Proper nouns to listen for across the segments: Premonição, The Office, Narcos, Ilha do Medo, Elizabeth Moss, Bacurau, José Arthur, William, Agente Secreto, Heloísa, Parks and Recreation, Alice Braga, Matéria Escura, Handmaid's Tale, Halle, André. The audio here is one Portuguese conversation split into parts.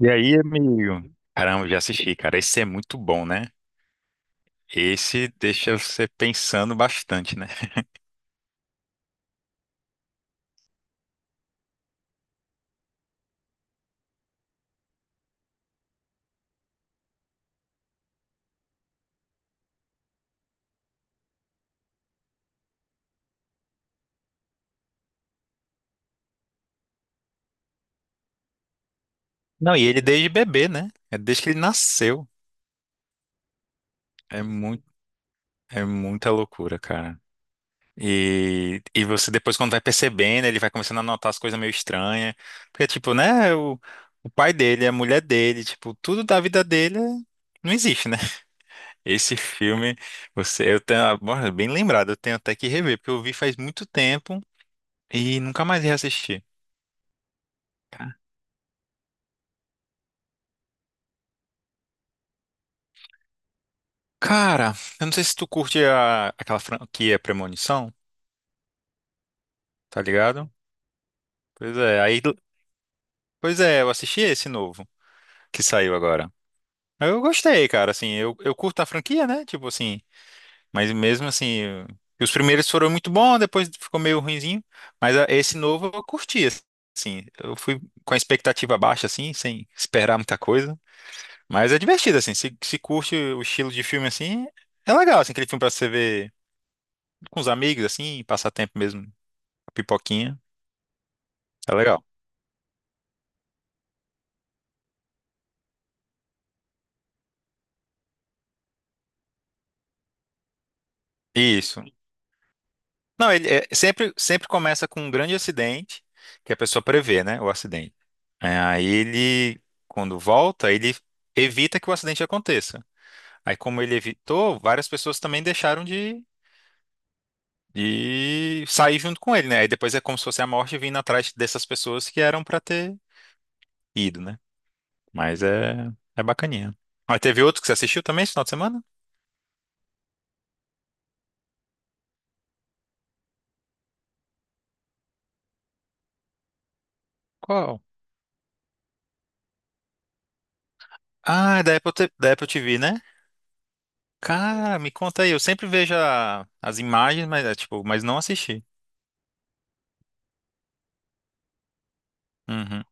E aí, amigo? Caramba, já assisti, cara. Esse é muito bom, né? Esse deixa você pensando bastante, né? Não, e ele desde bebê, né? É desde que ele nasceu. É muito, é muita loucura, cara. E você depois, quando vai percebendo, ele vai começando a notar as coisas meio estranhas. Porque, tipo, né? O pai dele, a mulher dele, tipo, tudo da vida dele não existe, né? Esse filme, você, eu tenho, bom, bem lembrado, eu tenho até que rever, porque eu vi faz muito tempo e nunca mais reassisti. Cara, eu não sei se tu curte aquela franquia Premonição, tá ligado? Pois é, aí, pois é, eu assisti esse novo que saiu agora. Eu gostei, cara, assim, eu curto a franquia, né? Tipo assim, mas mesmo assim, os primeiros foram muito bons, depois ficou meio ruinzinho, mas esse novo eu curti, assim, eu fui com a expectativa baixa, assim, sem esperar muita coisa, mas é divertido, assim, se curte o estilo de filme, assim, é legal, assim, aquele filme pra você ver com os amigos, assim, passar tempo mesmo, pipoquinha. É legal. Isso. Não, ele é- sempre, sempre começa com um grande acidente, que a pessoa prevê, né, o acidente. É, aí ele, quando volta, ele evita que o acidente aconteça. Aí, como ele evitou, várias pessoas também deixaram de sair junto com ele, né? Aí depois é como se fosse a morte vindo atrás dessas pessoas que eram pra ter ido, né? Mas é, é bacaninha. Aí teve outro que você assistiu também esse final de semana? Qual? Ah, é da Apple TV, né? Cara, me conta aí. Eu sempre vejo as imagens, mas é tipo, mas não assisti. Uhum.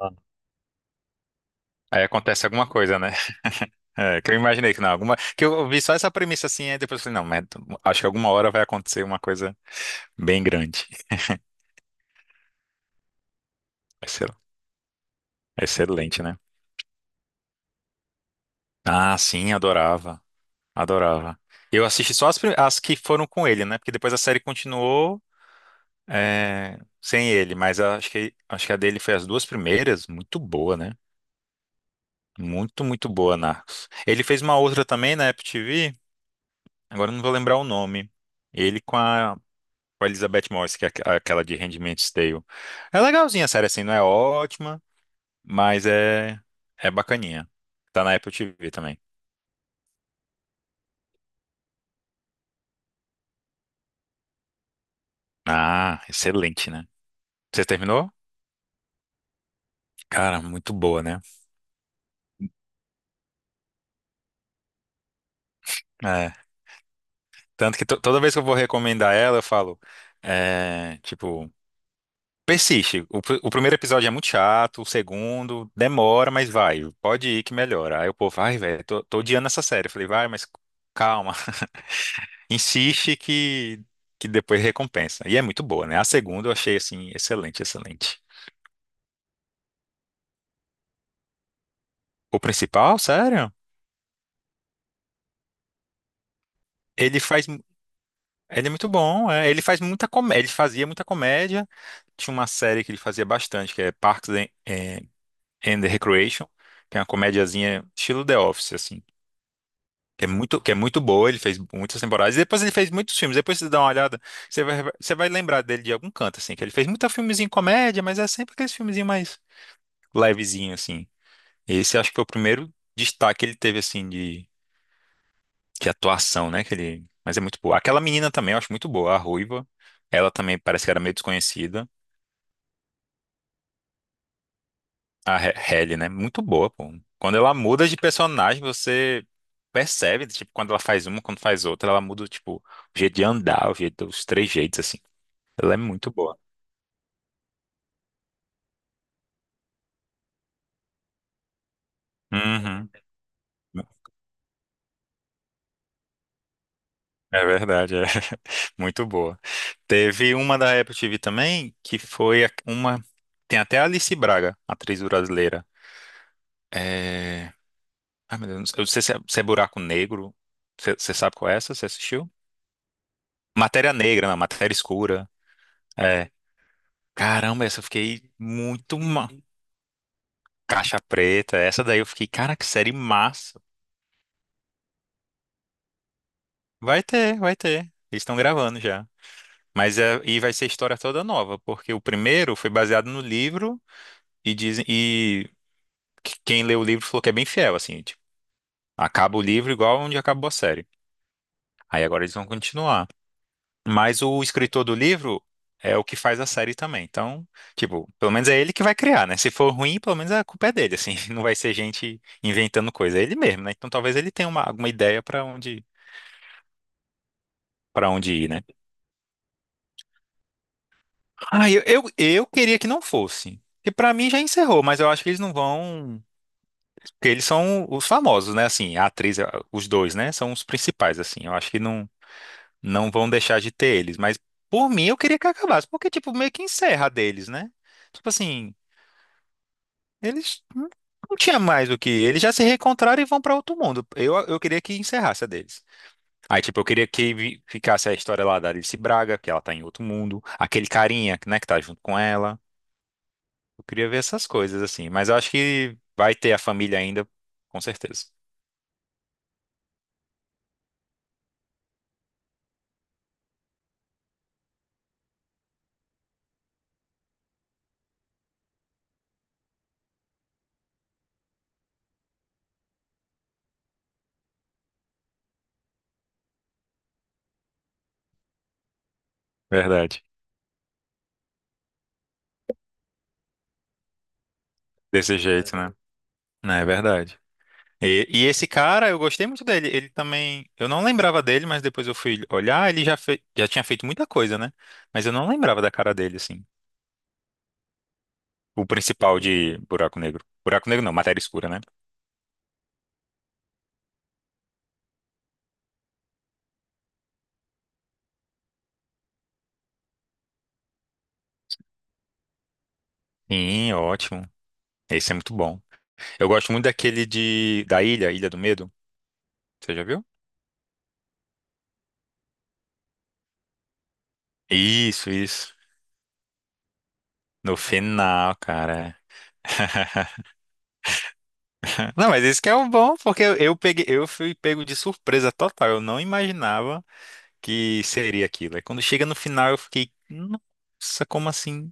Ah. Aí acontece alguma coisa, né? É, que eu imaginei que não, alguma, que eu vi só essa premissa assim, aí depois eu falei, não, mas acho que alguma hora vai acontecer uma coisa bem grande. Vai ser excelente, né? Ah, sim, adorava, adorava. Eu assisti só as, as que foram com ele, né? Porque depois a série continuou é, sem ele, mas acho que a dele foi as duas primeiras, muito boa, né? Muito, muito boa, Narcos. Ele fez uma outra também na Apple TV, agora eu não vou lembrar o nome. Ele com com a Elizabeth Moss, que é aquela de Handmaid's Tale. É legalzinha a série, assim, não é ótima, mas é, é bacaninha. Tá na Apple TV também. Ah, excelente, né? Você terminou? Cara, muito boa, né? É. Tanto que toda vez que eu vou recomendar ela, eu falo, é, tipo. Persiste. O primeiro episódio é muito chato, o segundo demora, mas vai, pode ir que melhora. Aí o povo, ai, velho, tô odiando essa série. Eu falei, vai, mas calma, insiste que depois recompensa. E é muito boa, né? A segunda eu achei, assim, excelente, excelente. O principal, sério, ele faz, ele é muito bom, é, ele faz muita comédia, ele fazia muita comédia. Tinha uma série que ele fazia bastante, que é Parks and Recreation, que é uma comédiazinha estilo The Office, assim. Que é muito boa, ele fez muitas temporadas. E depois ele fez muitos filmes. Depois você dá uma olhada, você vai lembrar dele de algum canto, assim. Que ele fez muita filmezinho comédia, mas é sempre aqueles filmezinho mais levezinho, assim. Esse acho que foi o primeiro destaque que ele teve, assim, de atuação, né? Que ele, mas é muito boa. Aquela menina também eu acho muito boa, a Ruiva. Ela também parece que era meio desconhecida. A Halle, né? Muito boa, pô. Quando ela muda de personagem, você percebe, tipo, quando ela faz uma, quando faz outra, ela muda, tipo, o jeito de andar, o jeito, os três jeitos, assim. Ela é muito boa. Uhum. É verdade, é muito boa. Teve uma da Apple TV também, que foi a- uma. Tem até a Alice Braga, atriz brasileira. É... Ai, meu Deus, eu não sei se é, se é Buraco Negro. Você sabe qual é essa? Você assistiu? Matéria Negra, não, Matéria Escura. É. Caramba, essa eu fiquei muito. Caixa Preta, essa daí eu fiquei, cara, que série massa. Vai ter, vai ter. Eles estão gravando já. Mas é, e vai ser história toda nova, porque o primeiro foi baseado no livro e dizem quem leu o livro falou que é bem fiel, assim, tipo, acaba o livro igual onde acabou a série. Aí agora eles vão continuar. Mas o escritor do livro é o que faz a série também. Então, tipo, pelo menos é ele que vai criar, né? Se for ruim, pelo menos a culpa é dele, assim, não vai ser gente inventando coisa, é ele mesmo, né? Então talvez ele tenha alguma ideia pra onde para onde ir, né? Ah, eu queria que não fosse. Que pra mim já encerrou, mas eu acho que eles não vão. Porque eles são os famosos, né? Assim, a atriz, a- os dois, né? São os principais, assim. Eu acho que não, não vão deixar de ter eles. Mas, por mim, eu queria que acabasse. Porque, tipo, meio que encerra a deles, né? Tipo assim, eles não tinha mais o que. Eles já se reencontraram e vão pra outro mundo. Eu queria que encerrasse a deles. Aí, tipo, eu queria que ficasse a história lá da Alice Braga, que ela tá em outro mundo. Aquele carinha, né, que tá junto com ela. Eu queria ver essas coisas, assim. Mas eu acho que vai ter a família ainda, com certeza. Verdade. Desse jeito, né? Né, é verdade. E esse cara, eu gostei muito dele. Ele também. Eu não lembrava dele, mas depois eu fui olhar, ele já, já tinha feito muita coisa, né? Mas eu não lembrava da cara dele, assim. O principal de Buraco Negro. Buraco Negro não, Matéria Escura, né? Sim, ótimo. Esse é muito bom. Eu gosto muito daquele de. Da Ilha, Ilha do Medo. Você já viu? Isso, isso. No final, cara. Não, mas esse que é o bom, porque eu peguei, eu fui pego de surpresa total. Eu não imaginava que seria aquilo. Aí quando chega no final, eu fiquei, nossa, como assim?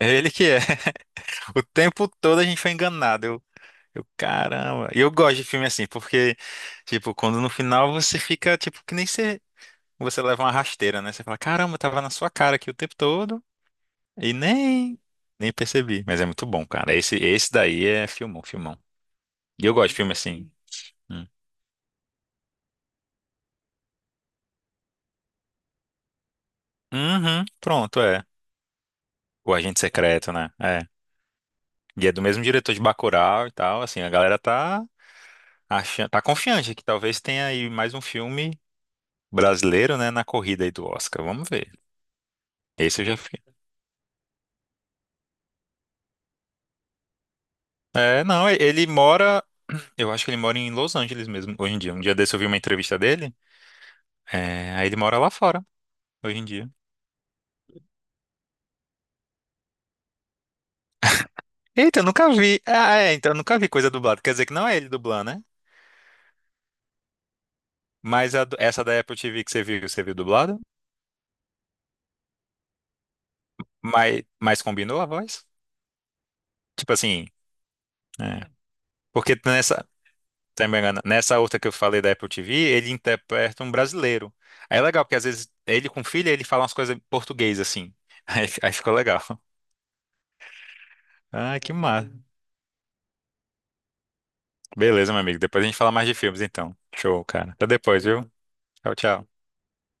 É ele que é. O tempo todo a gente foi enganado. Eu, caramba. E eu gosto de filme assim, porque, tipo, quando no final você fica, tipo, que nem você, você leva uma rasteira, né? Você fala, caramba, tava na sua cara aqui o tempo todo e nem percebi. Mas é muito bom, cara. Esse daí é filmão, filmão. E eu gosto de filme assim. Hum. Uhum, pronto, é. O Agente Secreto, né? É. E é do mesmo diretor de Bacurau e tal, assim, a galera tá. Acha- tá confiante que talvez tenha aí mais um filme brasileiro, né, na corrida aí do Oscar. Vamos ver. Esse eu já fiquei. É, não, e- ele mora. Eu acho que ele mora em Los Angeles mesmo, hoje em dia. Um dia desse eu vi uma entrevista dele. É, aí ele mora lá fora, hoje em dia. Eita, eu nunca vi. Ah, é, então eu nunca vi coisa dublada. Quer dizer que não é ele dublando, né? Mas a do- essa da Apple TV que você viu dublada? Mas combinou a voz? Tipo assim. É. Porque nessa, se eu não me engano, nessa outra que eu falei da Apple TV, ele interpreta um brasileiro. Aí é legal, porque às vezes ele com filha, ele fala umas coisas em português, assim. Aí, aí ficou legal. Ah, que massa. Beleza, meu amigo. Depois a gente fala mais de filmes, então. Show, cara. Até depois, viu? Tchau, tchau.